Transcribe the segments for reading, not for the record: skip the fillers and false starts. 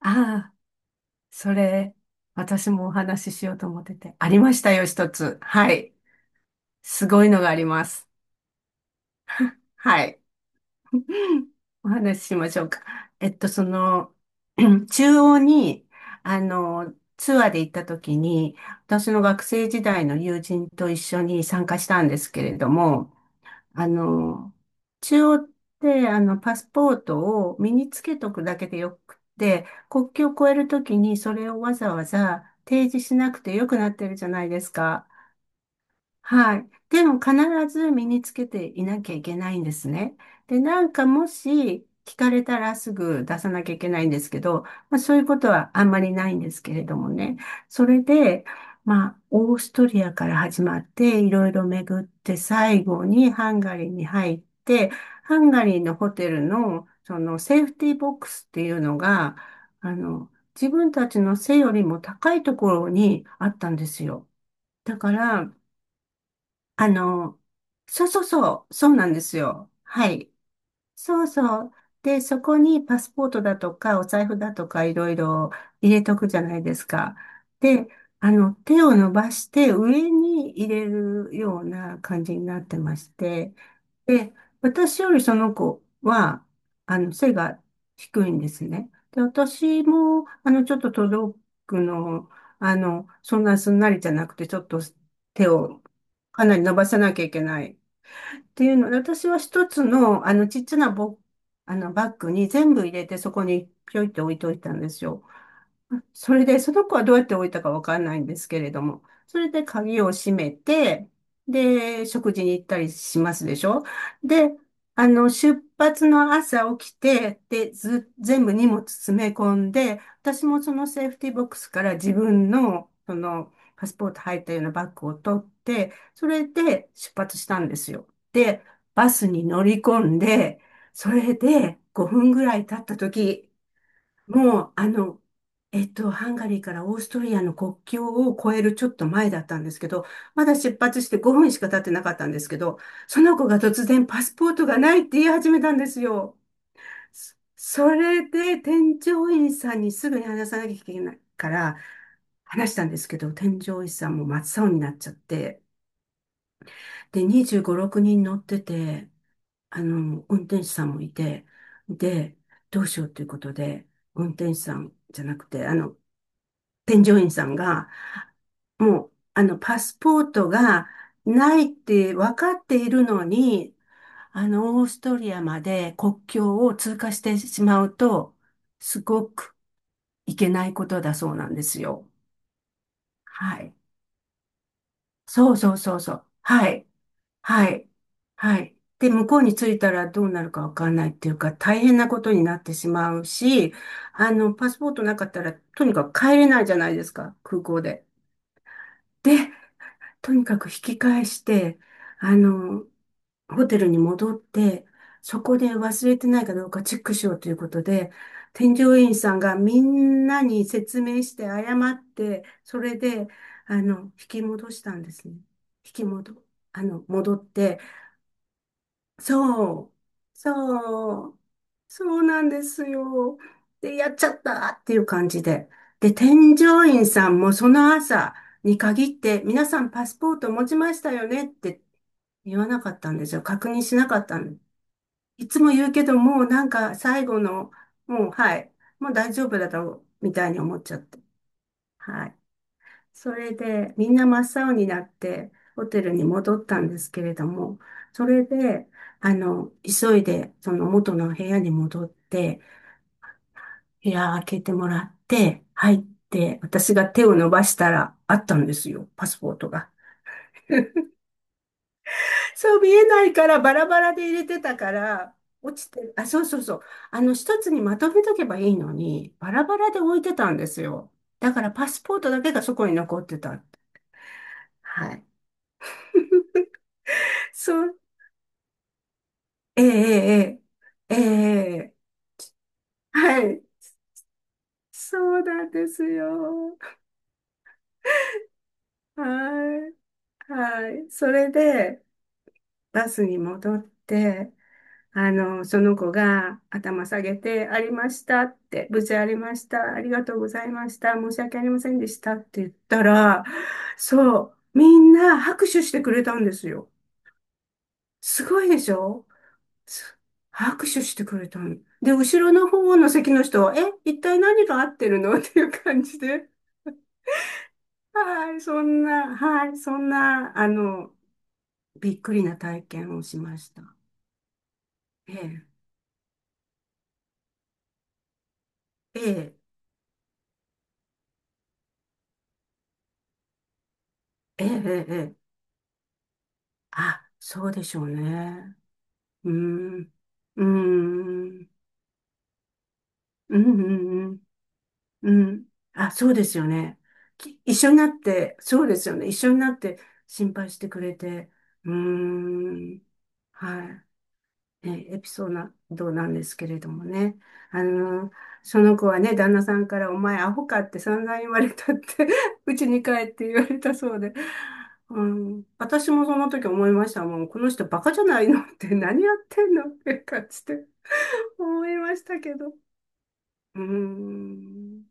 ああ、それ、私もお話ししようと思ってて。ありましたよ、一つ。はい。すごいのがあります。はい。お話ししましょうか。えっと、その、中央に、ツアーで行った時に、私の学生時代の友人と一緒に参加したんですけれども、あの、中央って、パスポートを身につけとくだけでよくって、国境を越えるときにそれをわざわざ提示しなくてよくなってるじゃないですか。はい。でも必ず身につけていなきゃいけないんですね。で、なんかもし聞かれたらすぐ出さなきゃいけないんですけど、まあ、そういうことはあんまりないんですけれどもね。それで、まあ、オーストリアから始まって、いろいろ巡って、最後にハンガリーに入って、ハンガリーのホテルの、そのセーフティーボックスっていうのが、自分たちの背よりも高いところにあったんですよ。だから、あの、そうそうそう、そうなんですよ。はい。そうそう。で、そこにパスポートだとか、お財布だとか、いろいろ入れとくじゃないですか。で、手を伸ばして上に入れるような感じになってまして、で、私よりその子は、背が低いんですね。で、私も、ちょっと届くの、そんなすんなりじゃなくて、ちょっと手をかなり伸ばさなきゃいけないっていうので、私は一つの、あの、ちっちゃなボ、あの、バッグに全部入れて、そこにぴょいって置いといたんですよ。それで、その子はどうやって置いたかわかんないんですけれども、それで鍵を閉めて、で、食事に行ったりしますでしょで、出発の朝起きて、で、ず、全部荷物詰め込んで、私もそのセーフティーボックスから自分の、その、パスポート入ったようなバッグを取って、それで出発したんですよ。で、バスに乗り込んで、それで5分ぐらい経った時もう、ハンガリーからオーストリアの国境を越えるちょっと前だったんですけど、まだ出発して5分しか経ってなかったんですけど、その子が突然パスポートがないって言い始めたんですよ。そそれで添乗員さんにすぐに話さなきゃいけないから、話したんですけど、添乗員さんも真っ青になっちゃって、で、25、6人乗ってて、運転手さんもいて、で、どうしようということで、運転手さんじゃなくて、添乗員さんが、もう、パスポートがないって分かっているのに、オーストリアまで国境を通過してしまうと、すごくいけないことだそうなんですよ。はい。そうそうそうそう。はい。はい。はい。で、向こうに着いたらどうなるかわかんないっていうか、大変なことになってしまうし、パスポートなかったら、とにかく帰れないじゃないですか、空港で。で、とにかく引き返して、あの、ホテルに戻って、そこで忘れてないかどうかチェックしようということで、添乗員さんがみんなに説明して謝って、それで、引き戻したんですね。引き戻、あの、戻って、そう、そう、そうなんですよ。で、やっちゃったっていう感じで。で、添乗員さんもその朝に限って、皆さんパスポート持ちましたよねって言わなかったんですよ。確認しなかったすいつも言うけど、もうなんか最後の、もうはい、もう大丈夫だろうみたいに思っちゃって。はい。それで、みんな真っ青になって、ホテルに戻ったんですけれども、それで、急いで、その元の部屋に戻って、部屋開けてもらって、入って、私が手を伸ばしたら、あったんですよ、パスポートが。そう見えないから、バラバラで入れてたから、落ちてる、あ、そうそうそう。一つにまとめとけばいいのに、バラバラで置いてたんですよ。だから、パスポートだけがそこに残ってた。はい。そう。ええ、ええ、ええ、ええはい。そうなんですよ。はい。はい。それで、バスに戻って、その子が頭下げて、ありましたって、無事ありました、ありがとうございました、申し訳ありませんでしたって言ったら、そう、みんな拍手してくれたんですよ。すごいでしょ拍手してくれたの。で、後ろの方の席の人は、え、一体何が合ってるのっていう感じで。はい、そんな、はい、そんな、びっくりな体験をしました。ええ、ええ、ええ、ええ。あ、そうでしょうね。うーん、うーん、うん、うん、うん。うんあ、そうですよね。一緒になって、そうですよね。一緒になって心配してくれて。うーん、はい。ねエピソードなんですけれどもね。あの、その子はね、旦那さんから、お前アホかって散々言われたって うちに帰って言われたそうで。うん、私もその時思いました。もう、この人バカじゃないのって何やってんのって感じで思いましたけど。うーん、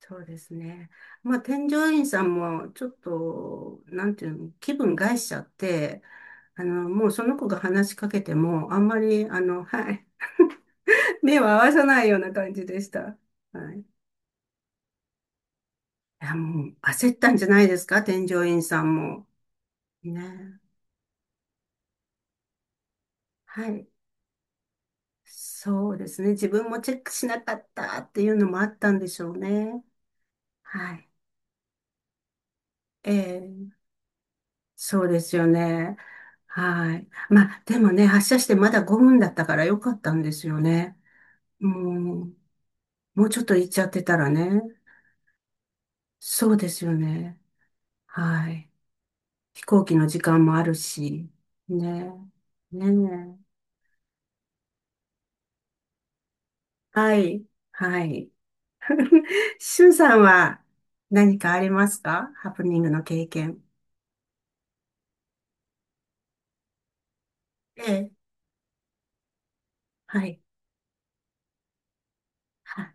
そうですね。まあ、添乗員さんも、ちょっと、なんていうの、気分害しちゃって、もうその子が話しかけても、あんまり、はい、目を合わさないような感じでした。はい。いや、もう焦ったんじゃないですか、添乗員さんも。ね。はい。そうですね。自分もチェックしなかったっていうのもあったんでしょうね。はい。ええ、そうですよね。はい。まあ、でもね、発車してまだ5分だったからよかったんですよね。もう、もうちょっと行っちゃってたらね。そうですよね。はい。飛行機の時間もあるし。ね。ねえ。はい。はい。シュンさんは何かありますかハプニングの経験。ええ。はい。は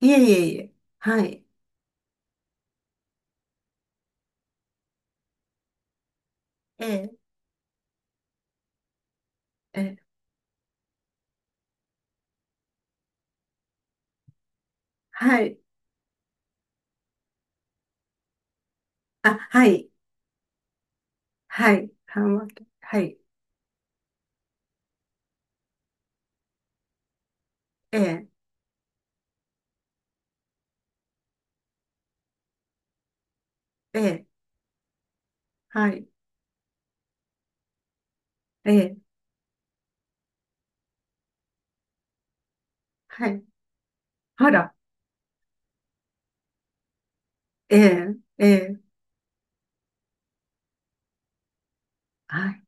い。いえいえいえ。はい。ええ。ええ。はい。あ、はい。はい。はんわけ。はい。ええ。ええ。はい。ええ。はい。あら。ええ。ええ。はい。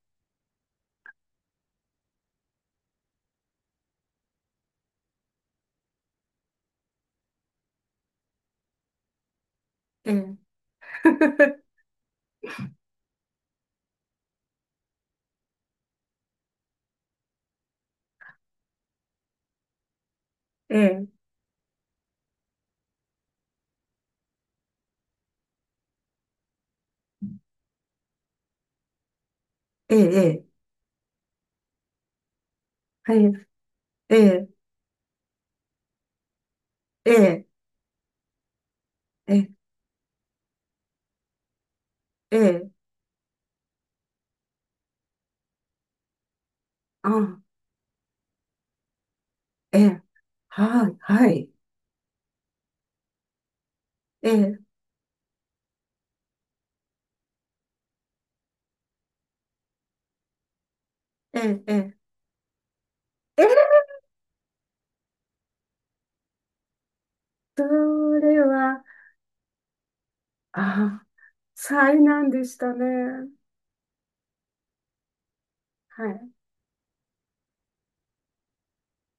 ええ。ええ。ええ。ええ。はい。ええ。ええ。ええ。ええ。あ、ええ。はい。はい。ええ。ええ。ええ。ええそれは、あ、災難でしたね。はい。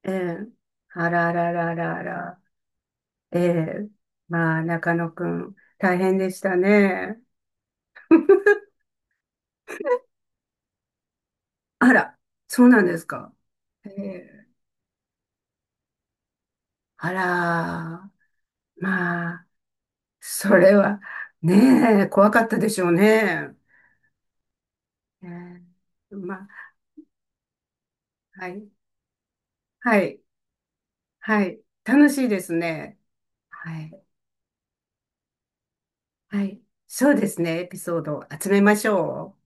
ええ。あららららら。ええ。まあ、中野くん、大変でしたね。あら、そうなんですか。ええ。あら、まあ、それは、ねえ、怖かったでしょうね。ええ。まあ、はい。はい。はい。楽しいですね。はい。はい。そうですね。エピソードを集めましょう。